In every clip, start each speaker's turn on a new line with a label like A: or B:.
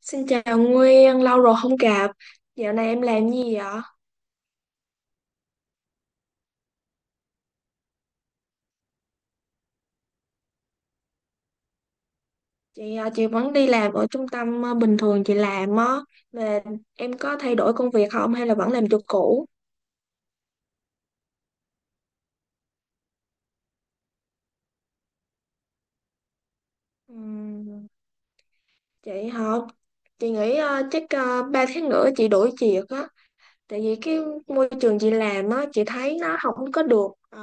A: Xin chào Nguyên, lâu rồi không gặp. Dạo này em làm gì vậy? Chị à, chị vẫn đi làm ở trung tâm à, bình thường chị làm á. Mà em có thay đổi công việc không hay là vẫn làm chỗ cũ? Ừm, chị hả? Chị nghĩ à, chắc 3 tháng nữa chị đổi việc á. Tại vì cái môi trường chị làm á, chị thấy nó không có được à,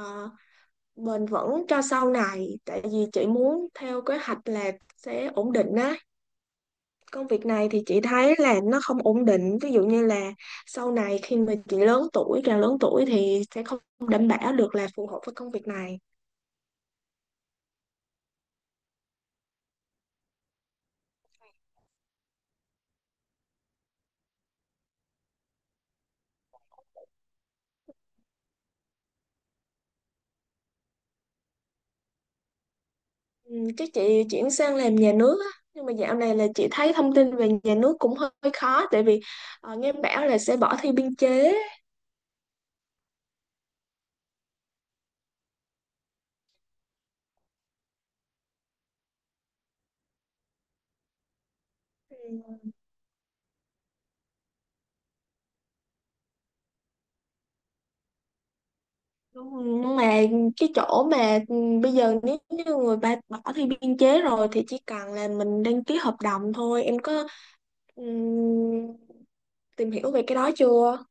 A: bền vững cho sau này. Tại vì chị muốn theo kế hoạch là sẽ ổn định á. Công việc này thì chị thấy là nó không ổn định, ví dụ như là sau này khi mà chị lớn tuổi, càng lớn tuổi thì sẽ không đảm bảo được là phù hợp với công việc này. Ừ, chắc chị chuyển sang làm nhà nước á, nhưng mà dạo này là chị thấy thông tin về nhà nước cũng hơi hơi khó, tại vì nghe bảo là sẽ bỏ thi biên chế. Ừ, nhưng mà cái chỗ mà bây giờ nếu như người ta bỏ thi biên chế rồi thì chỉ cần là mình đăng ký hợp đồng thôi, em có ừ, tìm hiểu về cái đó chưa?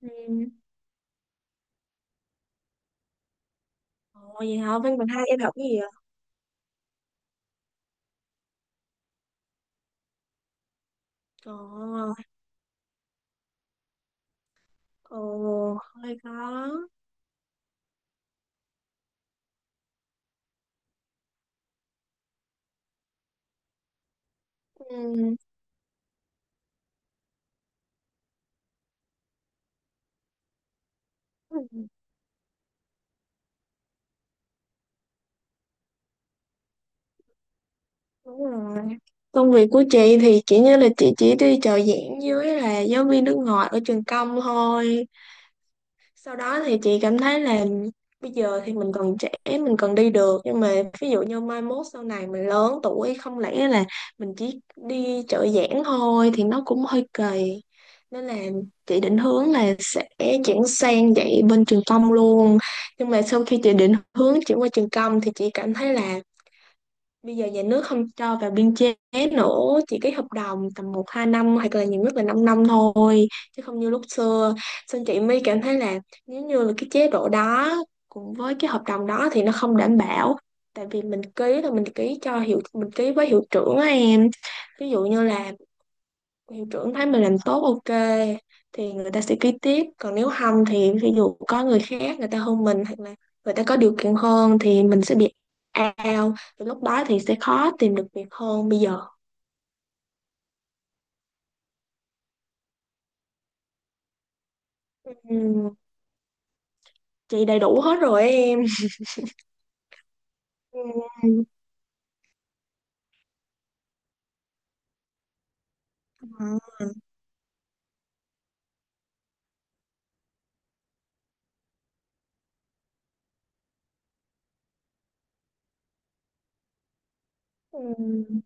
A: Ừ. Ồ, vậy hả? Văn bằng hai em học cái gì vậy? Ồ, ồ, hơi khó. Ừ, ừ, đúng rồi. Công việc của chị thì chỉ như là chị chỉ đi trợ giảng với là giáo viên nước ngoài ở trường công thôi. Sau đó thì chị cảm thấy là bây giờ thì mình còn trẻ, mình còn đi được, nhưng mà ví dụ như mai mốt sau này mình lớn tuổi, không lẽ là mình chỉ đi trợ giảng thôi thì nó cũng hơi kỳ, nên là chị định hướng là sẽ chuyển sang dạy bên trường công luôn. Nhưng mà sau khi chị định hướng chuyển qua trường công thì chị cảm thấy là bây giờ nhà nước không cho vào biên chế nữa, chỉ cái hợp đồng tầm một hai năm, hoặc là nhiều nhất là 5 năm thôi, chứ không như lúc xưa. Xong chị mới cảm thấy là nếu như là cái chế độ đó cùng với cái hợp đồng đó thì nó không đảm bảo, tại vì mình ký là mình ký cho hiệu, mình ký với hiệu trưởng á em. Ví dụ như là hiệu trưởng thấy mình làm tốt, ok thì người ta sẽ ký tiếp, còn nếu không thì ví dụ có người khác người ta hơn mình, hoặc là người ta có điều kiện hơn thì mình sẽ bị out, thì lúc đó thì sẽ khó tìm được việc hơn bây giờ. Ừm, chị đầy đủ hết rồi em. Ừm, à, ừm,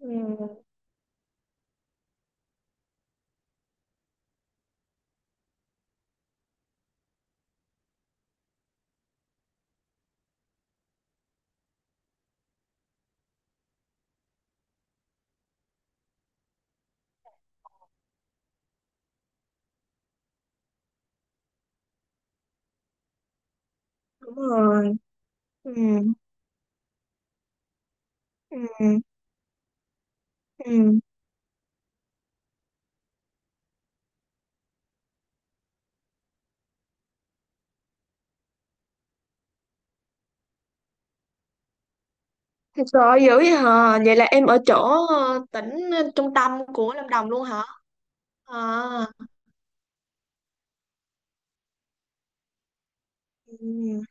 A: ừm, đúng rồi. Ừm, ừm, ừm. Thật sự dữ vậy hả, vậy là em ở chỗ tỉnh trung tâm của Lâm Đồng luôn hả? À, ừm.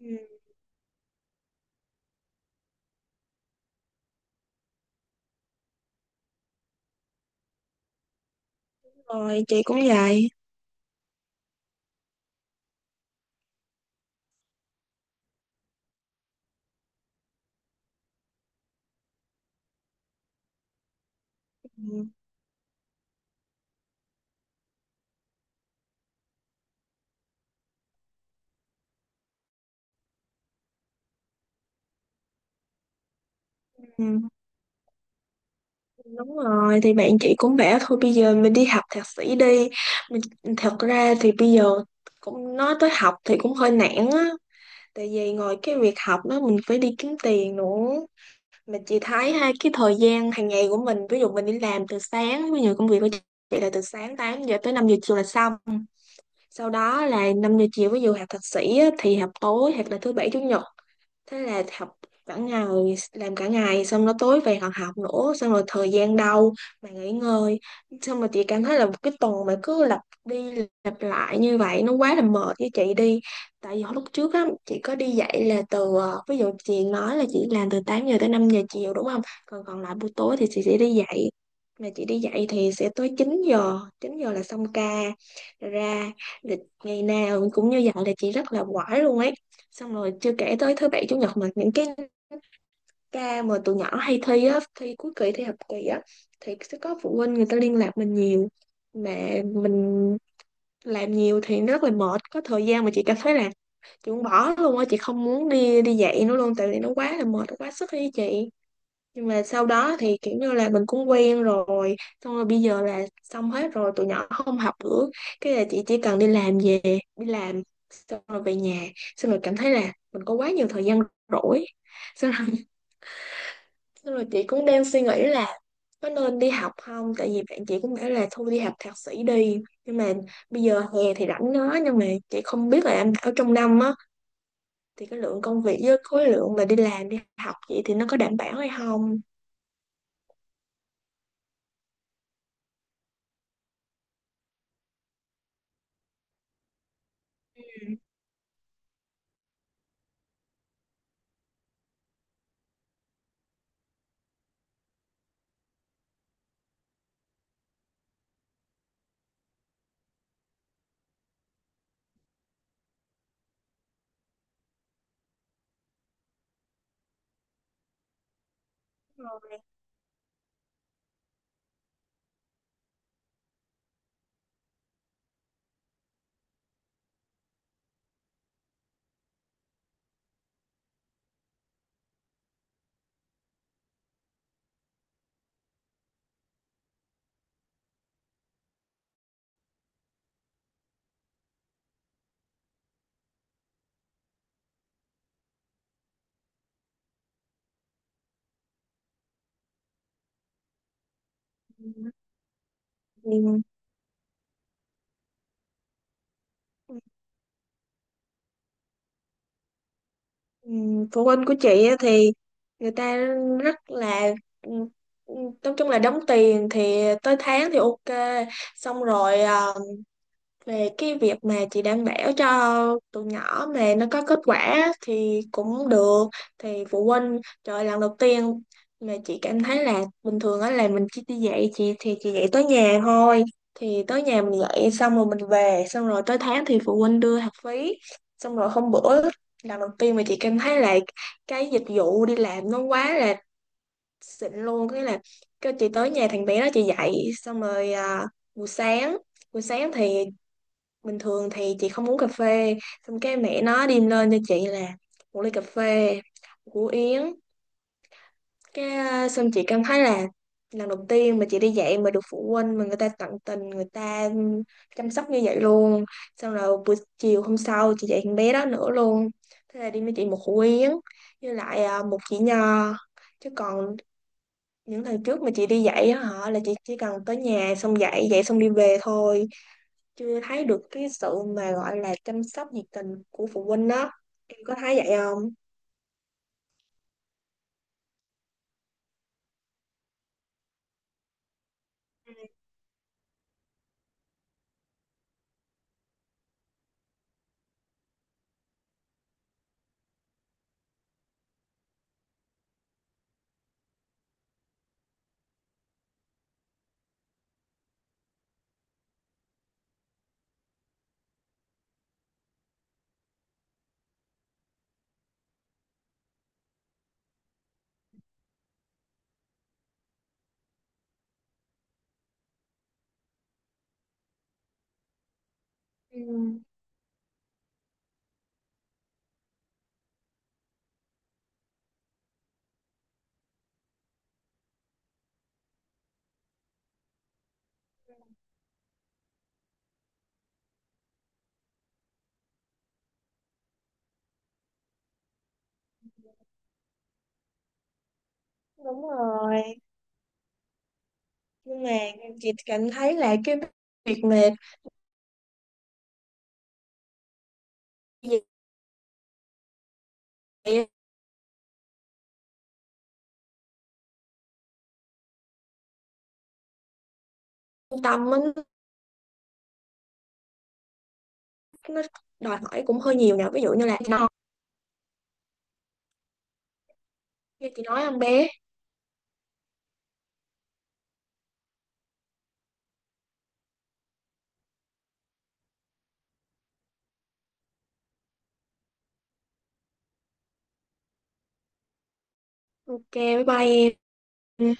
A: Ừ. Rồi chị cũng vậy. Ừ. Ừ. Đúng rồi, thì bạn chị cũng bảo thôi bây giờ mình đi học thạc sĩ đi, mình thật ra thì bây giờ cũng nói tới học thì cũng hơi nản á, tại vì ngoài cái việc học đó mình phải đi kiếm tiền nữa, mà chị thấy ha, cái thời gian hàng ngày của mình, ví dụ mình đi làm từ sáng, ví dụ công việc của chị là từ sáng 8 giờ tới 5 giờ chiều là xong. Sau đó là 5 giờ chiều ví dụ học thạc sĩ á, thì học tối hoặc là thứ bảy chủ nhật, thế là học cả ngày, làm cả ngày xong nó tối về còn học nữa, xong rồi thời gian đâu mà nghỉ ngơi. Xong rồi chị cảm thấy là một cái tuần mà cứ lặp đi lặp lại như vậy nó quá là mệt với chị đi. Tại vì hồi lúc trước á chị có đi dạy là từ ví dụ chị nói là chị làm từ 8 giờ tới 5 giờ chiều đúng không, còn còn lại buổi tối thì chị sẽ đi dạy, mà chị đi dạy thì sẽ tới 9 giờ, 9 giờ là xong ca. Rồi ra. Thì ngày nào cũng như vậy là chị rất là quải luôn ấy. Xong rồi chưa kể tới thứ bảy chủ nhật mà những cái ca mà tụi nhỏ hay thi á, thi cuối kỳ, thi học kỳ á, thì sẽ có phụ huynh người ta liên lạc mình nhiều, mà mình làm nhiều thì nó rất là mệt, có thời gian mà chị cảm thấy là chị muốn bỏ luôn á, chị không muốn đi đi dạy nữa luôn, tại vì nó quá là mệt, nó quá sức đi chị. Nhưng mà sau đó thì kiểu như là mình cũng quen rồi, xong rồi bây giờ là xong hết rồi tụi nhỏ không học nữa, cái là chị chỉ cần đi làm về, đi làm xong rồi về nhà, xong rồi cảm thấy là mình có quá nhiều thời gian rỗi. Xong rồi, xong rồi chị cũng đang suy nghĩ là có nên đi học không, tại vì bạn chị cũng bảo là thôi đi học thạc sĩ đi, nhưng mà bây giờ hè thì rảnh nó, nhưng mà chị không biết là em ở trong năm á, thì cái lượng công việc với khối lượng mà đi làm đi học vậy thì nó có đảm bảo hay không. Ừ. Phụ huynh của chị á thì người ta rất là ừm, ừm, nói chung là đóng tiền thì tới tháng thì ok. Xong rồi về cái việc mà chị đảm bảo cho tụi nhỏ mà nó có kết quả thì cũng được, thì phụ huynh, trời ơi, lần đầu tiên mà chị cảm thấy là bình thường á là mình chỉ đi dạy, chị thì chị dạy tới nhà thôi, thì tới nhà mình dạy xong rồi mình về, xong rồi tới tháng thì phụ huynh đưa học phí. Xong rồi hôm bữa, lần đầu tiên mà chị cảm thấy là cái dịch vụ đi làm nó quá là xịn luôn, cái là cái chị tới nhà thằng bé đó chị dạy xong rồi buổi sáng, buổi sáng thì bình thường thì chị không uống cà phê, xong cái mẹ nó đem lên cho chị là một ly cà phê, một củ yến, cái xong chị cảm thấy là lần đầu tiên mà chị đi dạy mà được phụ huynh mà người ta tận tình người ta chăm sóc như vậy luôn. Xong rồi buổi chiều hôm sau chị dạy con bé đó nữa luôn, thế là đi với chị một củ yến với lại một chỉ nho, chứ còn những lần trước mà chị đi dạy á hả là chị chỉ cần tới nhà xong dạy dạy xong đi về thôi, chưa thấy được cái sự mà gọi là chăm sóc nhiệt tình của phụ huynh đó, em có thấy vậy không? Ừ, đúng rồi, nhưng mà chị cảm thấy là cái việc mà dạy trung tâm á, nó đòi hỏi cũng hơi nhiều nè, ví dụ như là nó như chị nói em bé. Ok, bye bye em.